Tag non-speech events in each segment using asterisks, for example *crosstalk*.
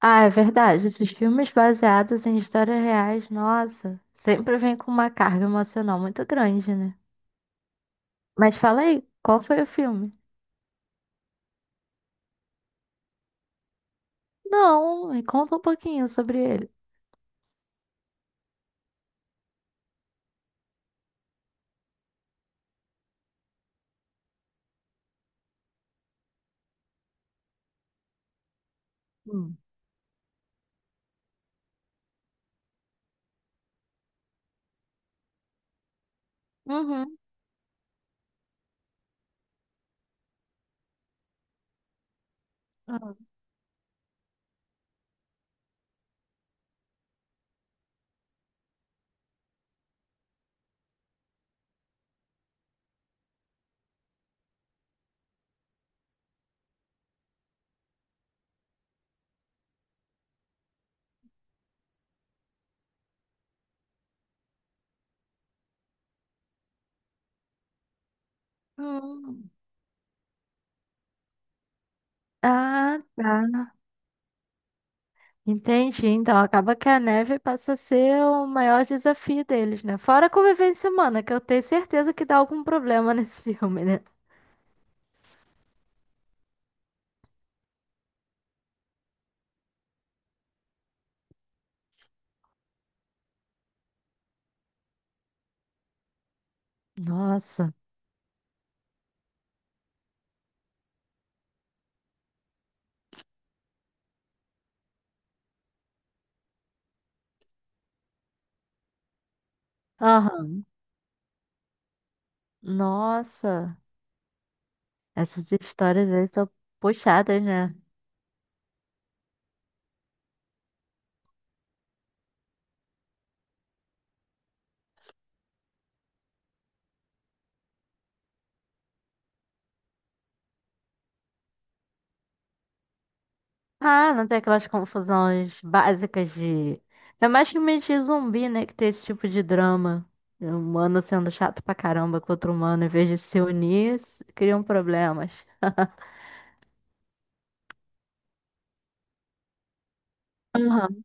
Ah, é verdade. Esses filmes baseados em histórias reais, nossa, sempre vem com uma carga emocional muito grande, né? Mas fala aí, qual foi o filme? Não, me conta um pouquinho sobre ele. Hum. Uhum. Ah. Hum. Ah, tá. Entendi. Então acaba que a neve passa a ser o maior desafio deles, né? Fora a convivência humana, que eu tenho certeza que dá algum problema *laughs* nesse filme, né? Nossa. Aham. Nossa. Essas histórias aí são puxadas, né? Ah, não tem aquelas confusões básicas de. É mais filmes de zumbi, né? Que tem esse tipo de drama. É um humano sendo chato pra caramba com outro humano, em vez de se unir, criam problemas. Aham.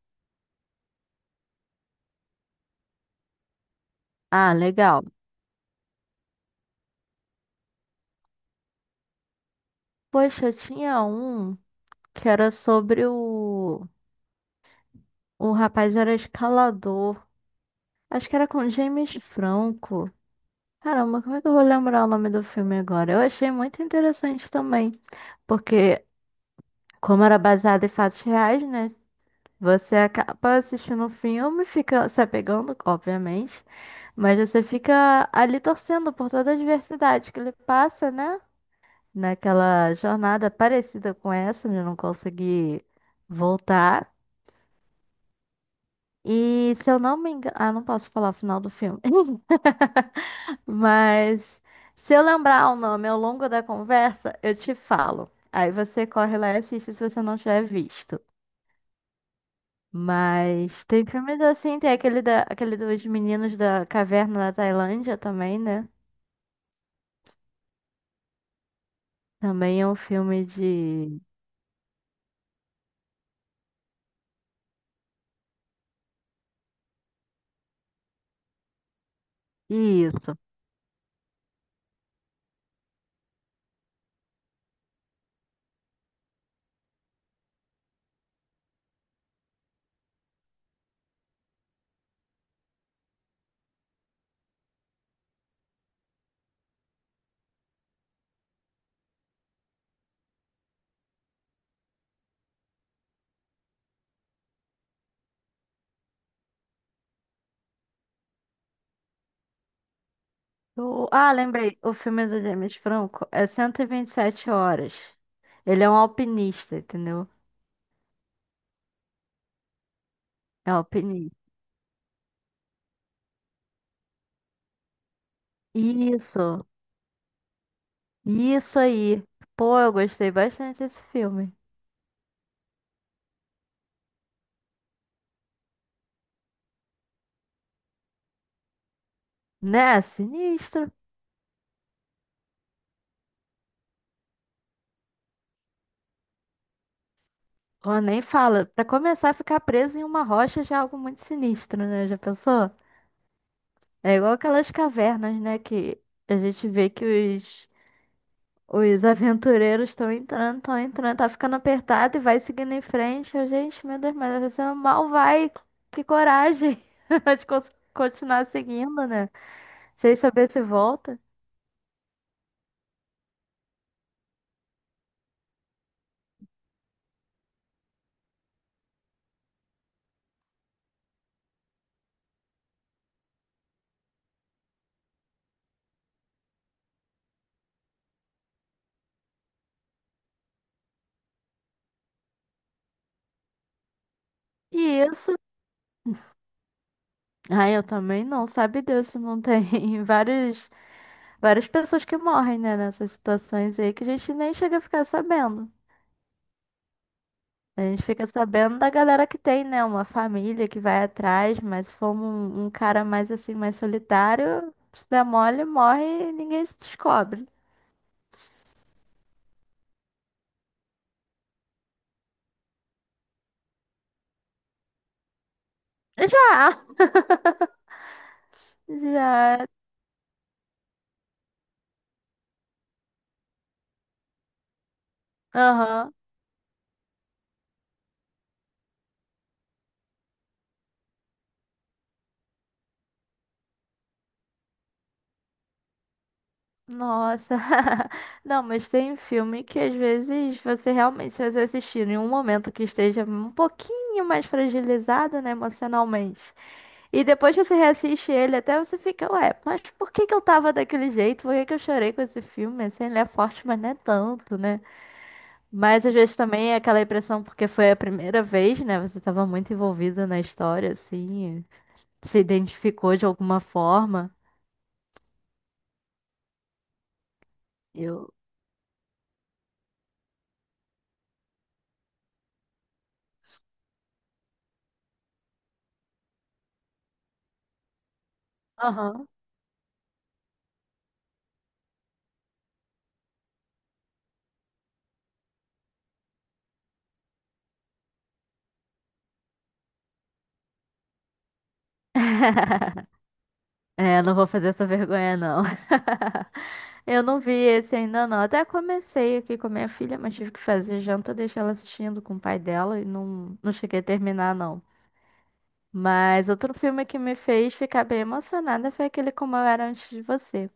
Ah, legal. Poxa, eu tinha um que era sobre o. O rapaz era escalador. Acho que era com James Franco. Caramba, como é que eu vou lembrar o nome do filme agora? Eu achei muito interessante também. Porque como era baseado em fatos reais, né? Você acaba assistindo um filme, fica se apegando, obviamente, mas você fica ali torcendo por toda a diversidade que ele passa, né? Naquela jornada parecida com essa, de não conseguir voltar. E se eu não me engano. Ah, não posso falar o final do filme. *laughs* Mas se eu lembrar o nome ao longo da conversa, eu te falo. Aí você corre lá e assiste se você não tiver visto. Mas tem filmes assim, tem aquele, da, aquele dos meninos da caverna na Tailândia também, né? Também é um filme de. Isso. O- ah, lembrei. O filme do James Franco é cento e vinte e sete horas. Ele é um alpinista, entendeu? É alpinista. Isso. Isso aí. Pô, eu gostei bastante desse filme. Né? Sinistro. Pô, nem fala. Pra começar a ficar preso em uma rocha já é algo muito sinistro, né? Já pensou? É igual aquelas cavernas, né? Que a gente vê que os, os aventureiros estão entrando, tá ficando apertado e vai seguindo em frente. Eu, gente, meu Deus, mas você mal vai. Que coragem *laughs* de continuar seguindo, né? Sem saber se volta. E isso. Ah, eu também não, sabe Deus, não tem *laughs* várias pessoas que morrem, né, nessas situações aí que a gente nem chega a ficar sabendo. A gente fica sabendo da galera que tem, né? Uma família que vai atrás, mas se for um cara mais assim, mais solitário, se der mole, morre e ninguém se descobre. Já! *laughs* Já. Aham. Nossa. *laughs* Não, mas tem filme que às vezes você realmente, se você assistir em um momento que esteja um pouquinho mais fragilizado, né, emocionalmente. E depois que você reassiste ele, até você fica, ué, mas por que que eu tava daquele jeito? Por que que eu chorei com esse filme? Assim, ele é forte, mas não é tanto, né? Mas às vezes também é aquela impressão porque foi a primeira vez, né? Você tava muito envolvido na história, assim, se identificou de alguma forma. Eu. Aham. *laughs* É, não vou fazer essa vergonha, não. *laughs* Eu não vi esse ainda, não. Até comecei aqui com a minha filha, mas tive que fazer janta, deixei ela assistindo com o pai dela e não, não cheguei a terminar, não. Mas outro filme que me fez ficar bem emocionada foi aquele Como Eu Era Antes de Você.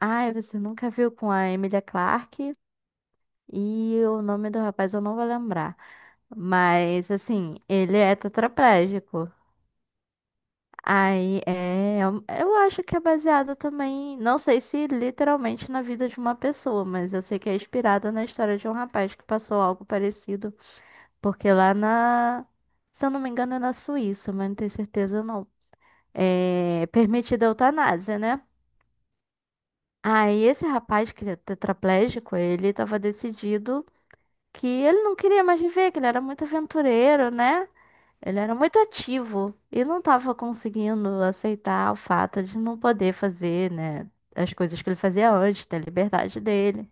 Ai, você nunca viu com a Emilia Clarke e o nome do rapaz eu não vou lembrar. Mas, assim, ele é tetraplégico. Aí, é, eu acho que é baseado também, não sei se literalmente na vida de uma pessoa, mas eu sei que é inspirada na história de um rapaz que passou algo parecido. Porque lá na, se eu não me engano, é na Suíça, mas não tenho certeza não. É permitida a eutanásia, né? Aí esse rapaz que é tetraplégico, ele estava decidido que ele não queria mais viver, que ele era muito aventureiro, né? Ele era muito ativo e não estava conseguindo aceitar o fato de não poder fazer, né, as coisas que ele fazia antes, ter liberdade dele.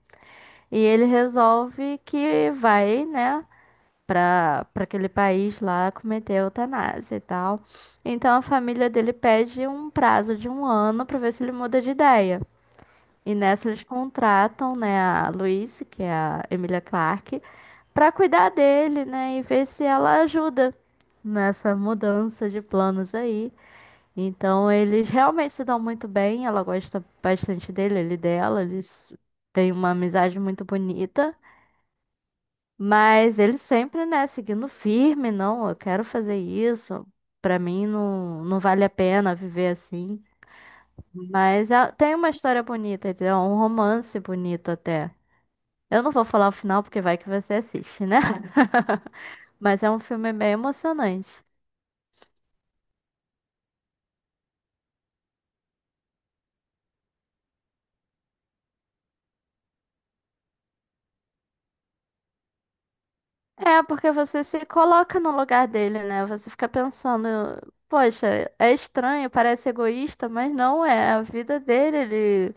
E ele resolve que vai, né, para aquele país lá cometer eutanásia e tal. Então a família dele pede um prazo de 1 ano para ver se ele muda de ideia. E nessa eles contratam, né, a Louise, que é a Emilia Clarke, para cuidar dele, né, e ver se ela ajuda nessa mudança de planos aí. Então eles realmente se dão muito bem, ela gosta bastante dele, ele dela, eles têm uma amizade muito bonita. Mas ele sempre, né, seguindo firme, não, eu quero fazer isso. Pra mim não, não vale a pena viver assim. Mas é- tem uma história bonita, entendeu? Um romance bonito até. Eu não vou falar o final porque vai que você assiste, né? *laughs* Mas é um filme bem emocionante. É, porque você se coloca no lugar dele, né? Você fica pensando, poxa, é estranho, parece egoísta, mas não é a vida dele,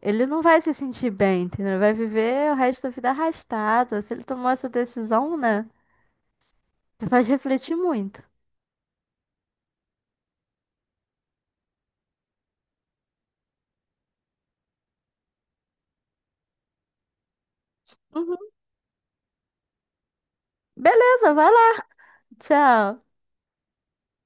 ele não vai se sentir bem, entendeu? Ele vai viver o resto da vida arrastado. Se ele tomou essa decisão, né? Te faz refletir muito. Uhum. Beleza, vai lá. Tchau.